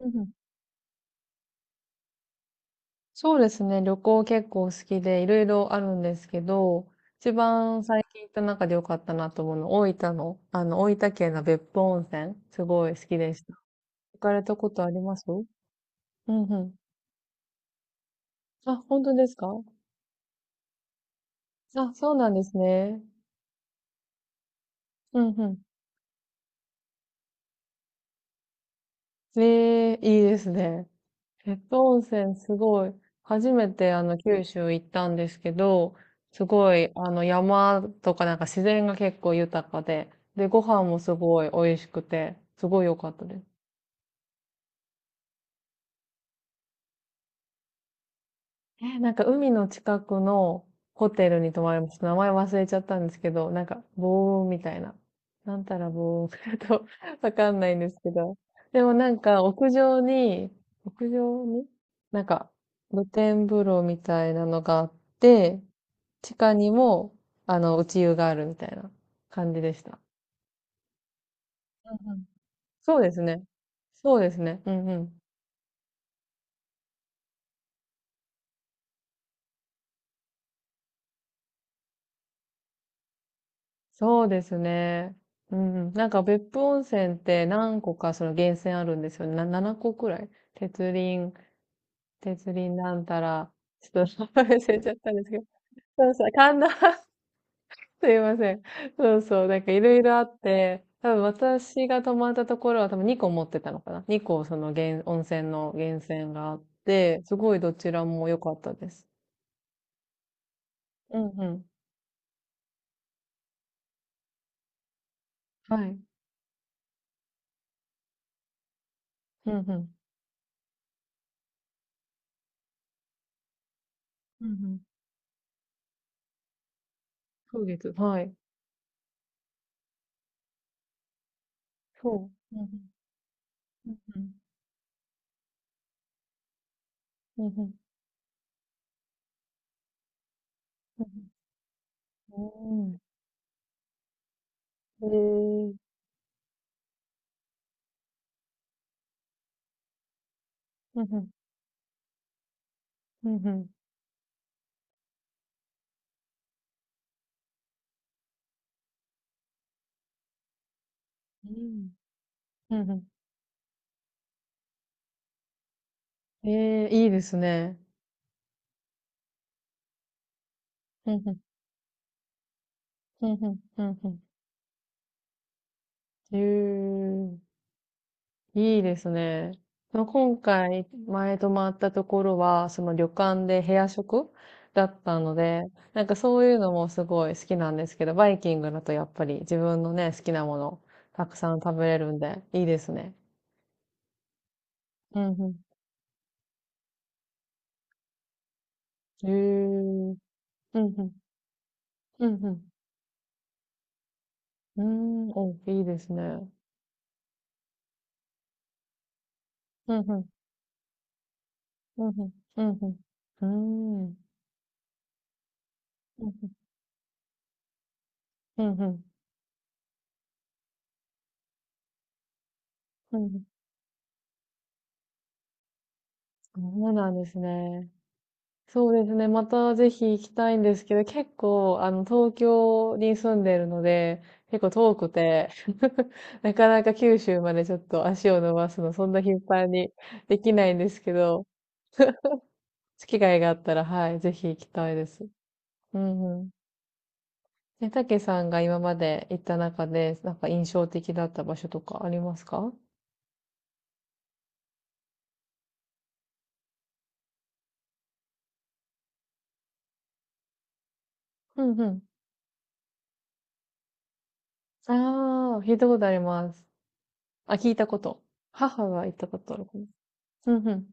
うんうん、そうですね。旅行結構好きで、いろいろあるんですけど、一番最近行った中で良かったなと思うの、大分県の別府温泉、すごい好きでした。行かれたことありますうんうん。あ、本当ですかあ？そうなんですね。うんうん。ええ、いいですね。別府温泉すごい、初めて九州行ったんですけど、すごい山とかなんか自然が結構豊かで、で、ご飯もすごい美味しくて、すごい良かったです。え、なんか海の近くのホテルに泊まりました。名前忘れちゃったんですけど、なんか棒雲みたいな。なんたらボ雲 と、わかんないんですけど。でもなんか屋上に、屋上になんか露天風呂みたいなのがあって、地下にも、内湯があるみたいな感じでした。うんうん、そうですね。そうですね。うんうん。そうですね。うん。なんか別府温泉って何個かその源泉あるんですよね。7個くらい。鉄輪、鉄輪なんたら、ちょっと 忘れちゃったんですけど。そうそう、神田 すいません。そうそう、なんかいろいろあって、多分私が泊まったところは多分2個持ってたのかな。2個その源、温泉の源泉があって、すごいどちらも良かったです。うんうん。はい。うんうん。うんうん。風月。はい。そう。うんうん。うんうん。うんうん、うんうん。うん。へえ。うんうん。うんうん。うん。うん、ええ、いいですね。うんうん。うんうん。うん、へえ、いいですね。その今回、前泊まったところは、その旅館で部屋食だったので、なんかそういうのもすごい好きなんですけど、バイキングだとやっぱり自分のね、好きなもの、たくさん食べれるんで、いいですね。うんうん。へえ。うんうん。うんうん。うーん、お、いいですね。うんうん、うんうん、うんうん、うーん、うんうん、うんうん、うんうん。そうなんですね。そうですね。またぜひ行きたいんですけど、結構、東京に住んでるので、結構遠くて、なかなか九州までちょっと足を伸ばすの、そんな頻繁にできないんですけど、機会があったら、はい、ぜひ行きたいです。うんうん。え、たけさんが今まで行った中で、なんか印象的だった場所とかありますか？うんうん。ああ、聞いたことあります。あ、聞いたこと。母が行ったことあるかな。うんうん。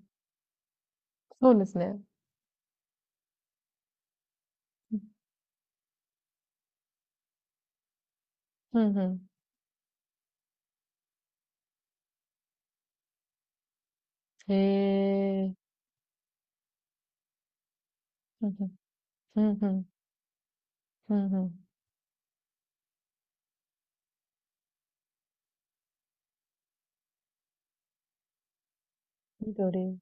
そうですね。うんうん。へえ。うんうん。うんうん。うんうん。緑。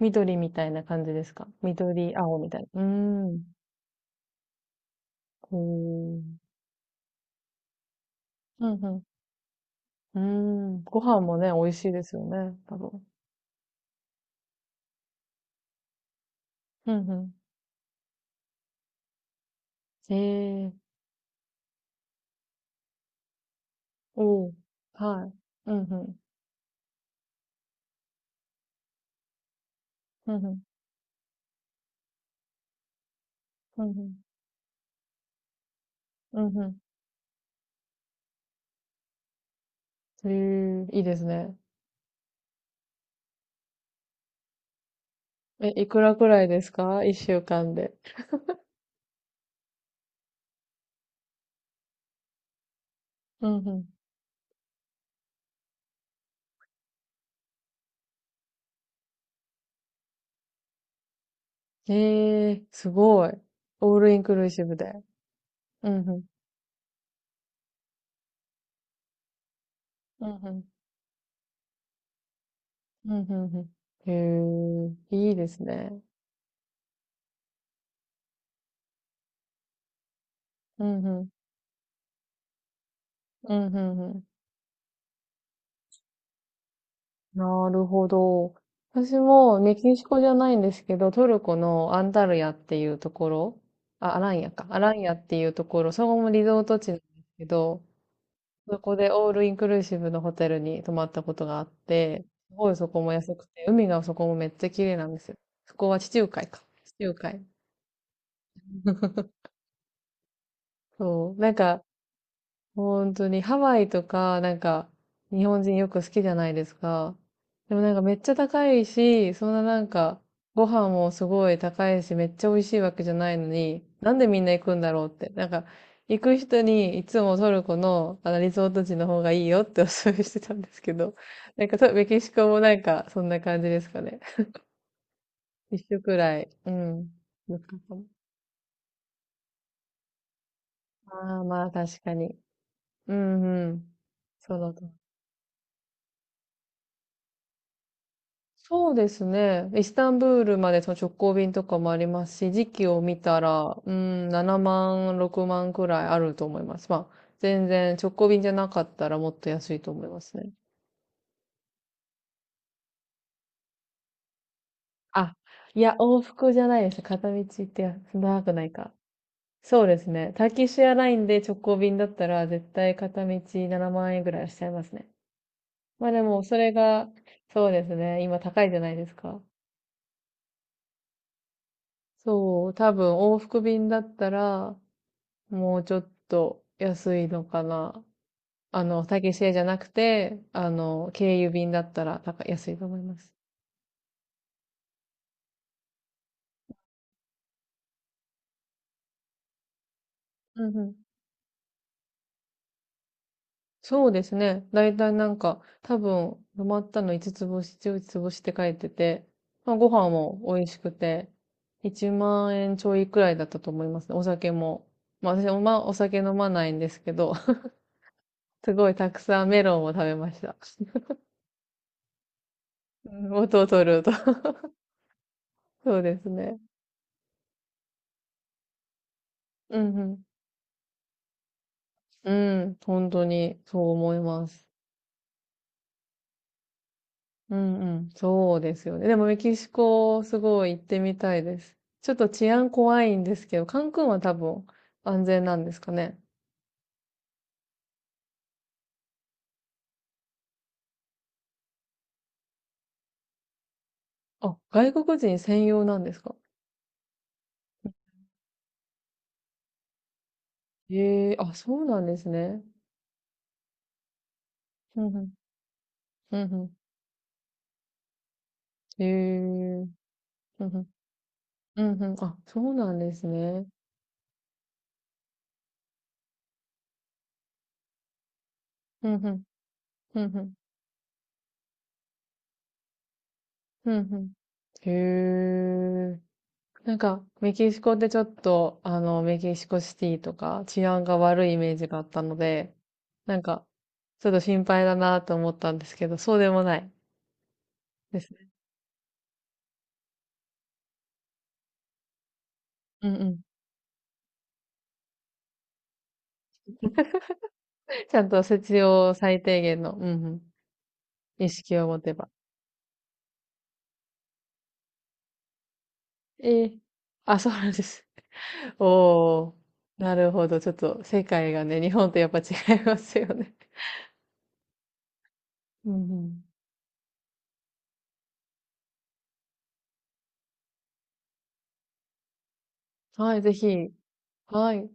緑みたいな感じですか？緑、青みたいな。うーん。ほう、うんうん。うーん。ご飯もね、美味しいですよね、多分。うんうん。へえ。おお、はい。うんうん。うんうん。うんうん。うんうん。へえ、いいですね。え、いくらくらいですか？1週間で。うんうん。ええ、すごい。オールインクルーシブで。うんうん。うんうん。うんうんうん。へえ、いいですね。うんうん。うんうんうん。なるほど。私もメキシコじゃないんですけど、トルコのアンタルヤっていうところ、あ、アランヤか。アランヤっていうところ、そこもリゾート地なんですけど、そこでオールインクルーシブのホテルに泊まったことがあって、すごいそこも安くて、海がそこもめっちゃ綺麗なんですよ。そこは地中海か。地中海。そう。なんか、本当にハワイとか、なんか、日本人よく好きじゃないですか。でもなんかめっちゃ高いし、そんななんか、ご飯もすごい高いし、めっちゃ美味しいわけじゃないのに、なんでみんな行くんだろうって。なんか、行く人にいつもトルコのあのリゾート地の方がいいよってお勧めしてたんですけど、なんかとメキシコもなんかそんな感じですかね？一緒くらい。うん。ああー、まあ確かに。うんうん。その通そうですね。イスタンブールまでその直行便とかもありますし、時期を見たら、うん、7万、6万くらいあると思います。まあ、全然直行便じゃなかったらもっと安いと思いますね。あ、いや、往復じゃないです。片道行ってや長くないか。そうですね。ターキッシュエアラインで直行便だったら、絶対片道7万円ぐらいはしちゃいますね。まあでも、それが、そうですね。今高いじゃないですか。そう、多分往復便だったら、もうちょっと安いのかな。タキシエじゃなくて、経由便だったら高い安いと思います。うんうん。そうですね。だいたいなんか、多分、泊まったの5つつ星、10つ星って書いてて、まあ、ご飯も美味しくて、1万円ちょいくらいだったと思いますね。お酒も。まあ私お酒飲まないんですけど、すごいたくさんメロンを食べました。うん、元を取ると。そうですね。うんうん。うん、本当にそう思います。うんうん、そうですよね。でもメキシコ、すごい行ってみたいです。ちょっと治安怖いんですけど、カンクンは多分安全なんですかね。あ、外国人専用なんですか？ええ、あ、そうなんですね。うんうん、うんうん、ええ、うんうん、うんうん、あ、そうなんですね。うんうん、うんうん、うんうん。へえ。なんか、メキシコってちょっと、メキシコシティとか治安が悪いイメージがあったので、なんか、ちょっと心配だなと思ったんですけど、そうでもないですね。うんうん。ちゃんと必要最低限の、うんうん、意識を持てば。ええ、あ、そうなんです。おー、なるほど。ちょっと世界がね、日本とやっぱ違いますよね。うんうん。はい、ぜひ。はい。